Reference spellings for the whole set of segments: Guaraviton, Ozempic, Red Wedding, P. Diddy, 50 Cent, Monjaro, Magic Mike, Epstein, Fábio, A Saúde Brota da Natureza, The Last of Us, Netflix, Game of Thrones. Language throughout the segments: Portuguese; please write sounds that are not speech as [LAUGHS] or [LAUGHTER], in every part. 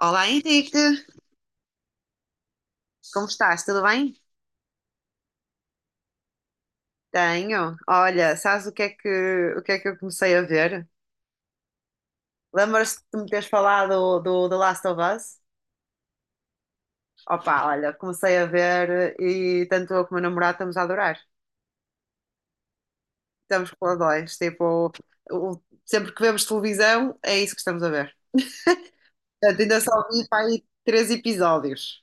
Olá Henrique, como estás? Tudo bem? Tenho. Olha, sabes o que é que eu comecei a ver? Lembras-te de me teres falado do The Last of Us? Opa, olha, comecei a ver e tanto eu como o meu namorado estamos a adorar. Estamos com os dois, tipo, sempre que vemos televisão é isso que estamos a ver. Portanto, ainda só vi para aí três episódios.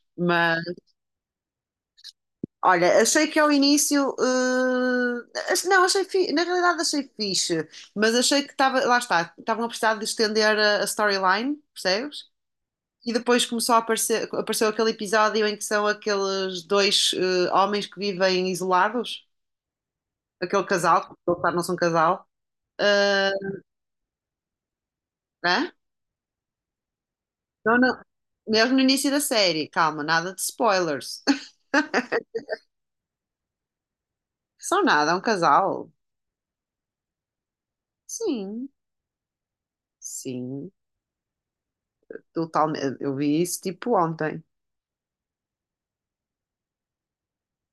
Olha, achei que ao início, não, achei na realidade achei fixe, mas achei que estava. Lá está, estavam a precisar de estender a storyline, percebes? E depois começou a aparecer, apareceu aquele episódio em que são aqueles dois homens que vivem isolados, aquele casal, que eles claro, não são casal. Eh, né? Não, não. Mesmo no início da série, calma, nada de spoilers. [LAUGHS] São nada, é um casal. Sim, sim, totalmente. Eu vi isso tipo ontem.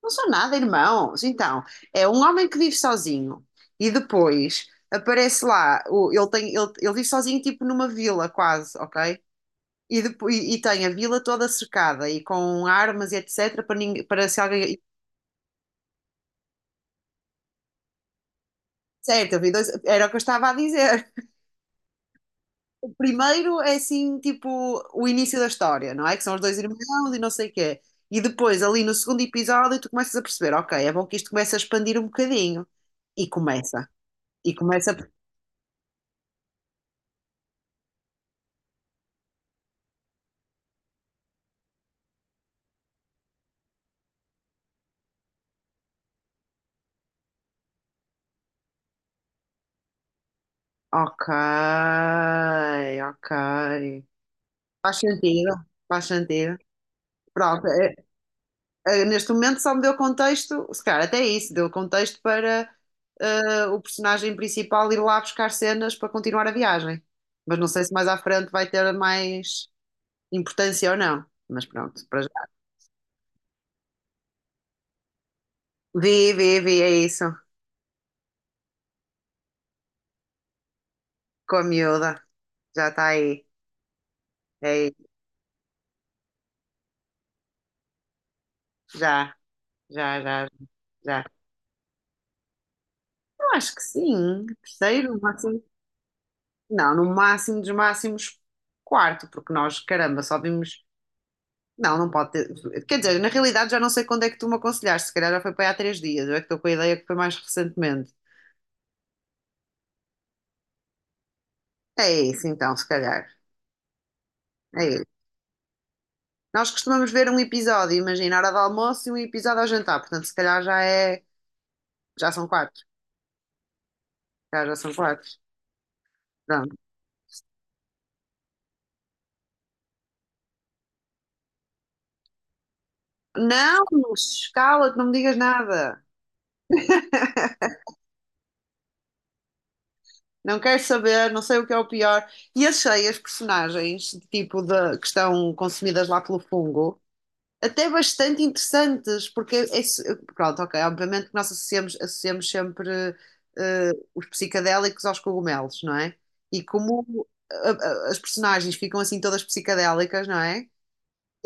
Não são nada, irmãos. Então, é um homem que vive sozinho e depois aparece lá, ele vive sozinho tipo numa vila quase, ok? E depois, e tem a vila toda cercada e com armas e etc para, ninguém, para se alguém... Certo, eu vi dois, era o que eu estava a dizer. O primeiro é assim, tipo, o início da história, não é? Que são os dois irmãos e não sei o quê. E depois, ali no segundo episódio, tu começas a perceber, ok, é bom que isto comece a expandir um bocadinho. E começa. E começa. Ok, ok. Faz sentido, faz sentido. Pronto, neste momento só me deu contexto, se calhar até isso, deu contexto para o personagem principal ir lá buscar cenas para continuar a viagem. Mas não sei se mais à frente vai ter mais importância ou não. Mas pronto, para já. Vi, vi, vi, é isso. Com a miúda, já está aí. É isso. Já, já, já, já. Eu acho que sim. Terceiro, máximo. Não, no máximo dos máximos, quarto, porque nós, caramba, só vimos. Não, não pode ter. Quer dizer, na realidade já não sei quando é que tu me aconselhaste, se calhar já foi para aí há três dias, eu é que estou com a ideia que foi mais recentemente. É isso então, se calhar. É isso. Nós costumamos ver um episódio, imagina, hora do almoço e um episódio ao jantar, portanto, se calhar já é. Já são quatro. Se calhar já são quatro. Pronto. Não, cala-te, não me digas nada. Não quero saber, não sei o que é o pior. E achei as personagens, tipo, que estão consumidas lá pelo fungo até bastante interessantes, porque pronto, ok, obviamente que nós associamos sempre os psicadélicos aos cogumelos, não é? E como as personagens ficam assim todas psicadélicas, não é?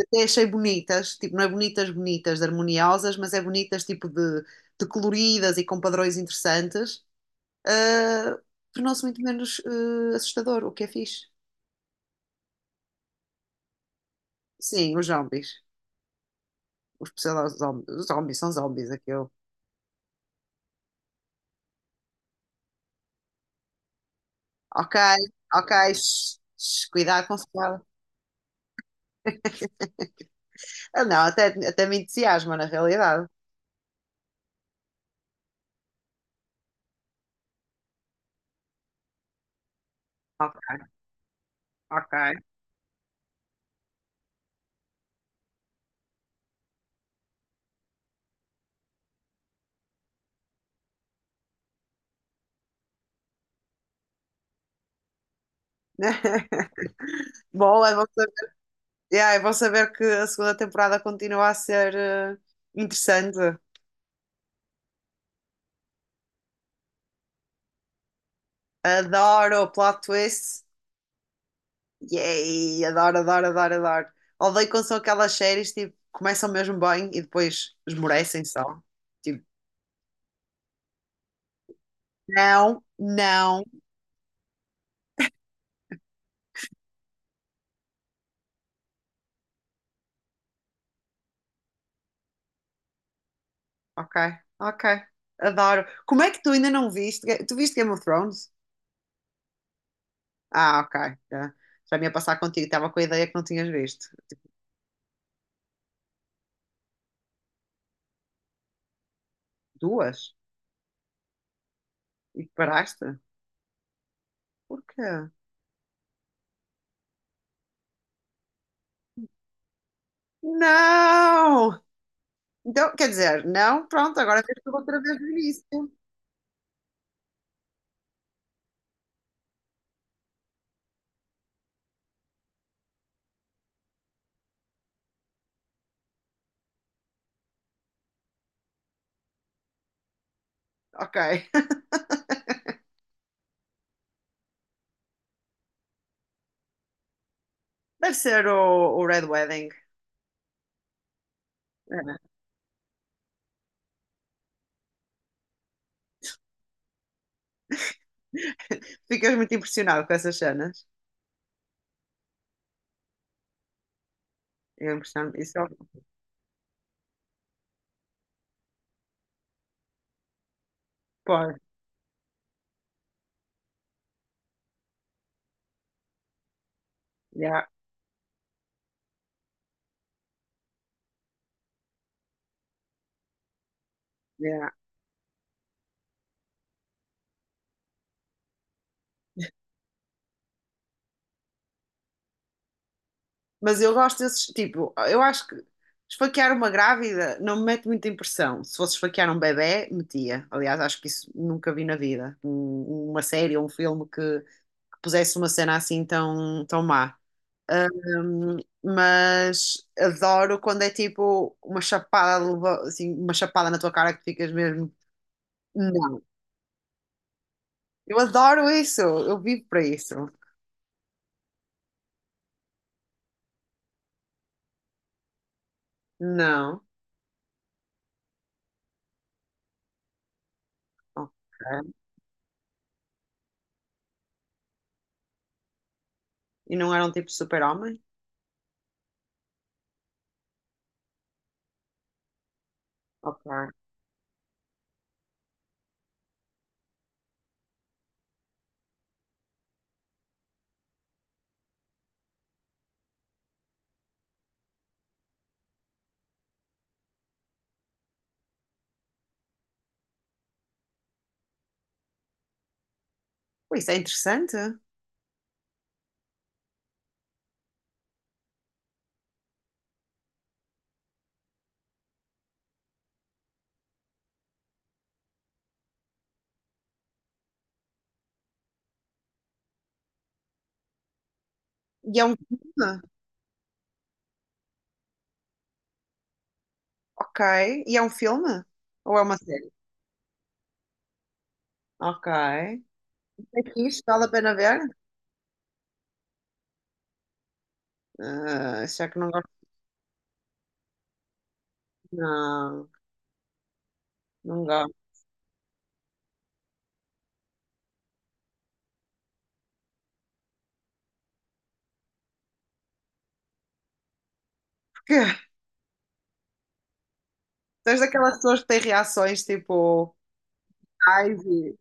Até achei bonitas, tipo, não é bonitas, bonitas, de harmoniosas, mas é bonitas, tipo, de coloridas e com padrões interessantes. Eh, Tornou-se muito menos assustador, o que é fixe. Sim, os zombies. Os pseudo-zombies. Os zombies são zombies, aquilo. Ok, ok. Shh, shh, cuidado com o cuidado. Ah, não, até me entusiasma, na realidade. Ok, ok. [LAUGHS] Bom, é bom saber, yeah, é bom saber que a segunda temporada continua a ser interessante. Adoro o plot twist. Yay, adoro, adoro, adoro, adoro. Odeio quando são aquelas séries tipo, começam mesmo bem e depois esmorecem só. Tipo, não, não. Ok, ok. Adoro. Como é que tu ainda não viste? Tu viste Game of Thrones? Ah, ok. Já me ia passar contigo. Estava com a ideia que não tinhas visto. Duas? E paraste? Porquê? Não! Então, quer dizer, não, pronto, agora tens tudo outra vez do início. Ok. [LAUGHS] Deve ser o Red Wedding. É. [LAUGHS] Ficas muito impressionado com essas cenas. Eu impressiono. Isso, pô, yeah, yeah. Mas eu gosto desses, tipo, eu acho que esfaquear uma grávida não me mete muita impressão. Se fosse esfaquear um bebé, metia. Aliás, acho que isso nunca vi na vida. Uma série ou um filme que pusesse uma cena assim tão, tão má. Ahm, mas adoro quando é tipo uma chapada, assim, uma chapada na tua cara que tu ficas mesmo. Não, eu adoro isso, eu vivo para isso. Não, ok. E não era um tipo super-homem? Ok. Pô, isso é interessante. E é um filme? Ok. E é um filme? Ou é uma série? Ok. É fixe, vale a pena ver? Ah, já que não gosto, não. Não gosto. Porque [LAUGHS] tu és daquelas pessoas que têm reações tipo. Ai, vi.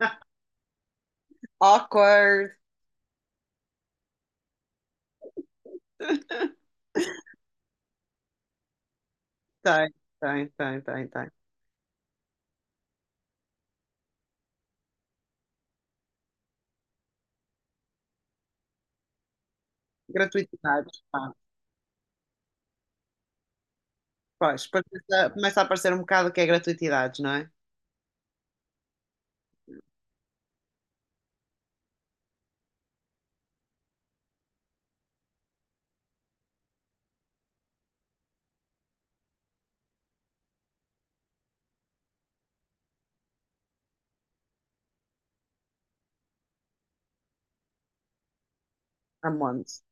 [LAUGHS] Awkward. Tem, tem, tem, tem, tem. Gratuitidades, pá. Pois, depois começa a aparecer um bocado o que é gratuitidades, não é? A monte.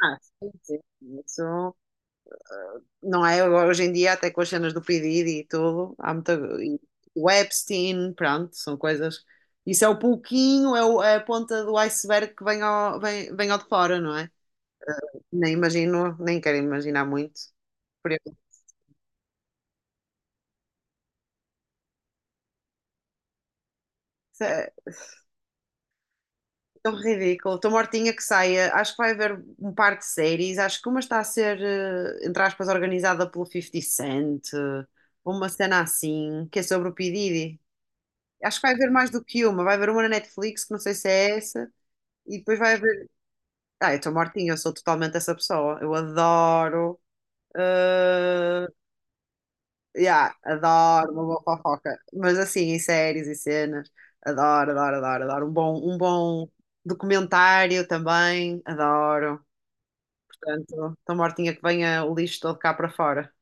Ah, sim, sim. Isso, não é? Hoje em dia, até com as cenas do P. Diddy e tudo, há muita. E o Epstein, pronto, são coisas. Isso é o pouquinho, é a ponta do iceberg que vem ao de fora, não é? Nem imagino, nem quero imaginar muito. Por isso, isso é tão ridículo. Estou mortinha que saia. Acho que vai haver um par de séries. Acho que uma está a ser, entre aspas, organizada pelo 50 Cent, uma cena assim, que é sobre o P. Diddy. Acho que vai haver mais do que uma. Vai haver uma na Netflix, que não sei se é essa. E depois vai haver. Ah, eu estou mortinha, eu sou totalmente essa pessoa. Eu adoro. ah, yeah, adoro uma boa fofoca. Mas assim, em séries e cenas, adoro, adoro, adoro, adoro. Um bom documentário também, adoro. Portanto, estou mortinha que venha o lixo todo cá para fora.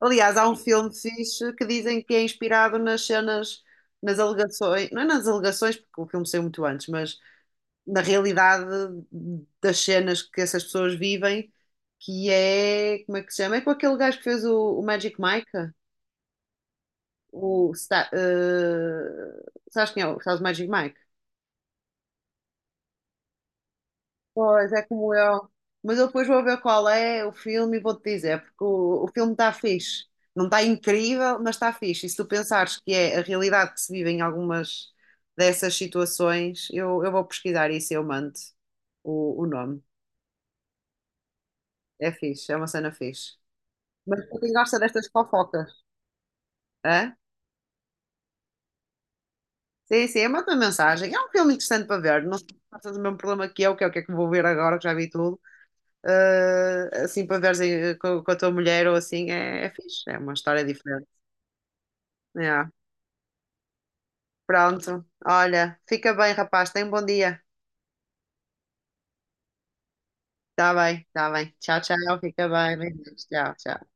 Aliás, há um filme fixe que dizem que é inspirado nas cenas, nas alegações, não é nas alegações, porque o filme saiu muito antes, mas na realidade das cenas que essas pessoas vivem, que é, como é que se chama? É com aquele gajo que fez o Magic Mike? O, Sta- eh, Sabes quem é? Sabes o Magic Mike? Pois, é como eu. Mas eu depois vou ver qual é o filme e vou-te dizer, porque o filme está fixe. Não está incrível, mas está fixe. E se tu pensares que é a realidade que se vive em algumas dessas situações, eu vou pesquisar isso e eu mando o nome. É fixe, é uma cena fixe. Mas para quem gosta destas fofocas, hã? Sim, sim, manda uma mensagem. É um filme interessante para ver. Não sei se passas o mesmo problema que eu, que é o que é que vou ver agora, que já vi tudo. Ah, assim, para veres com a tua mulher ou assim, é fixe. É uma história diferente. Yeah. Pronto. Olha, fica bem, rapaz. Tenha um bom dia. Tá bem, tá bem. Tchau, tchau. Fica bem. Beijinhos. Tchau, tchau.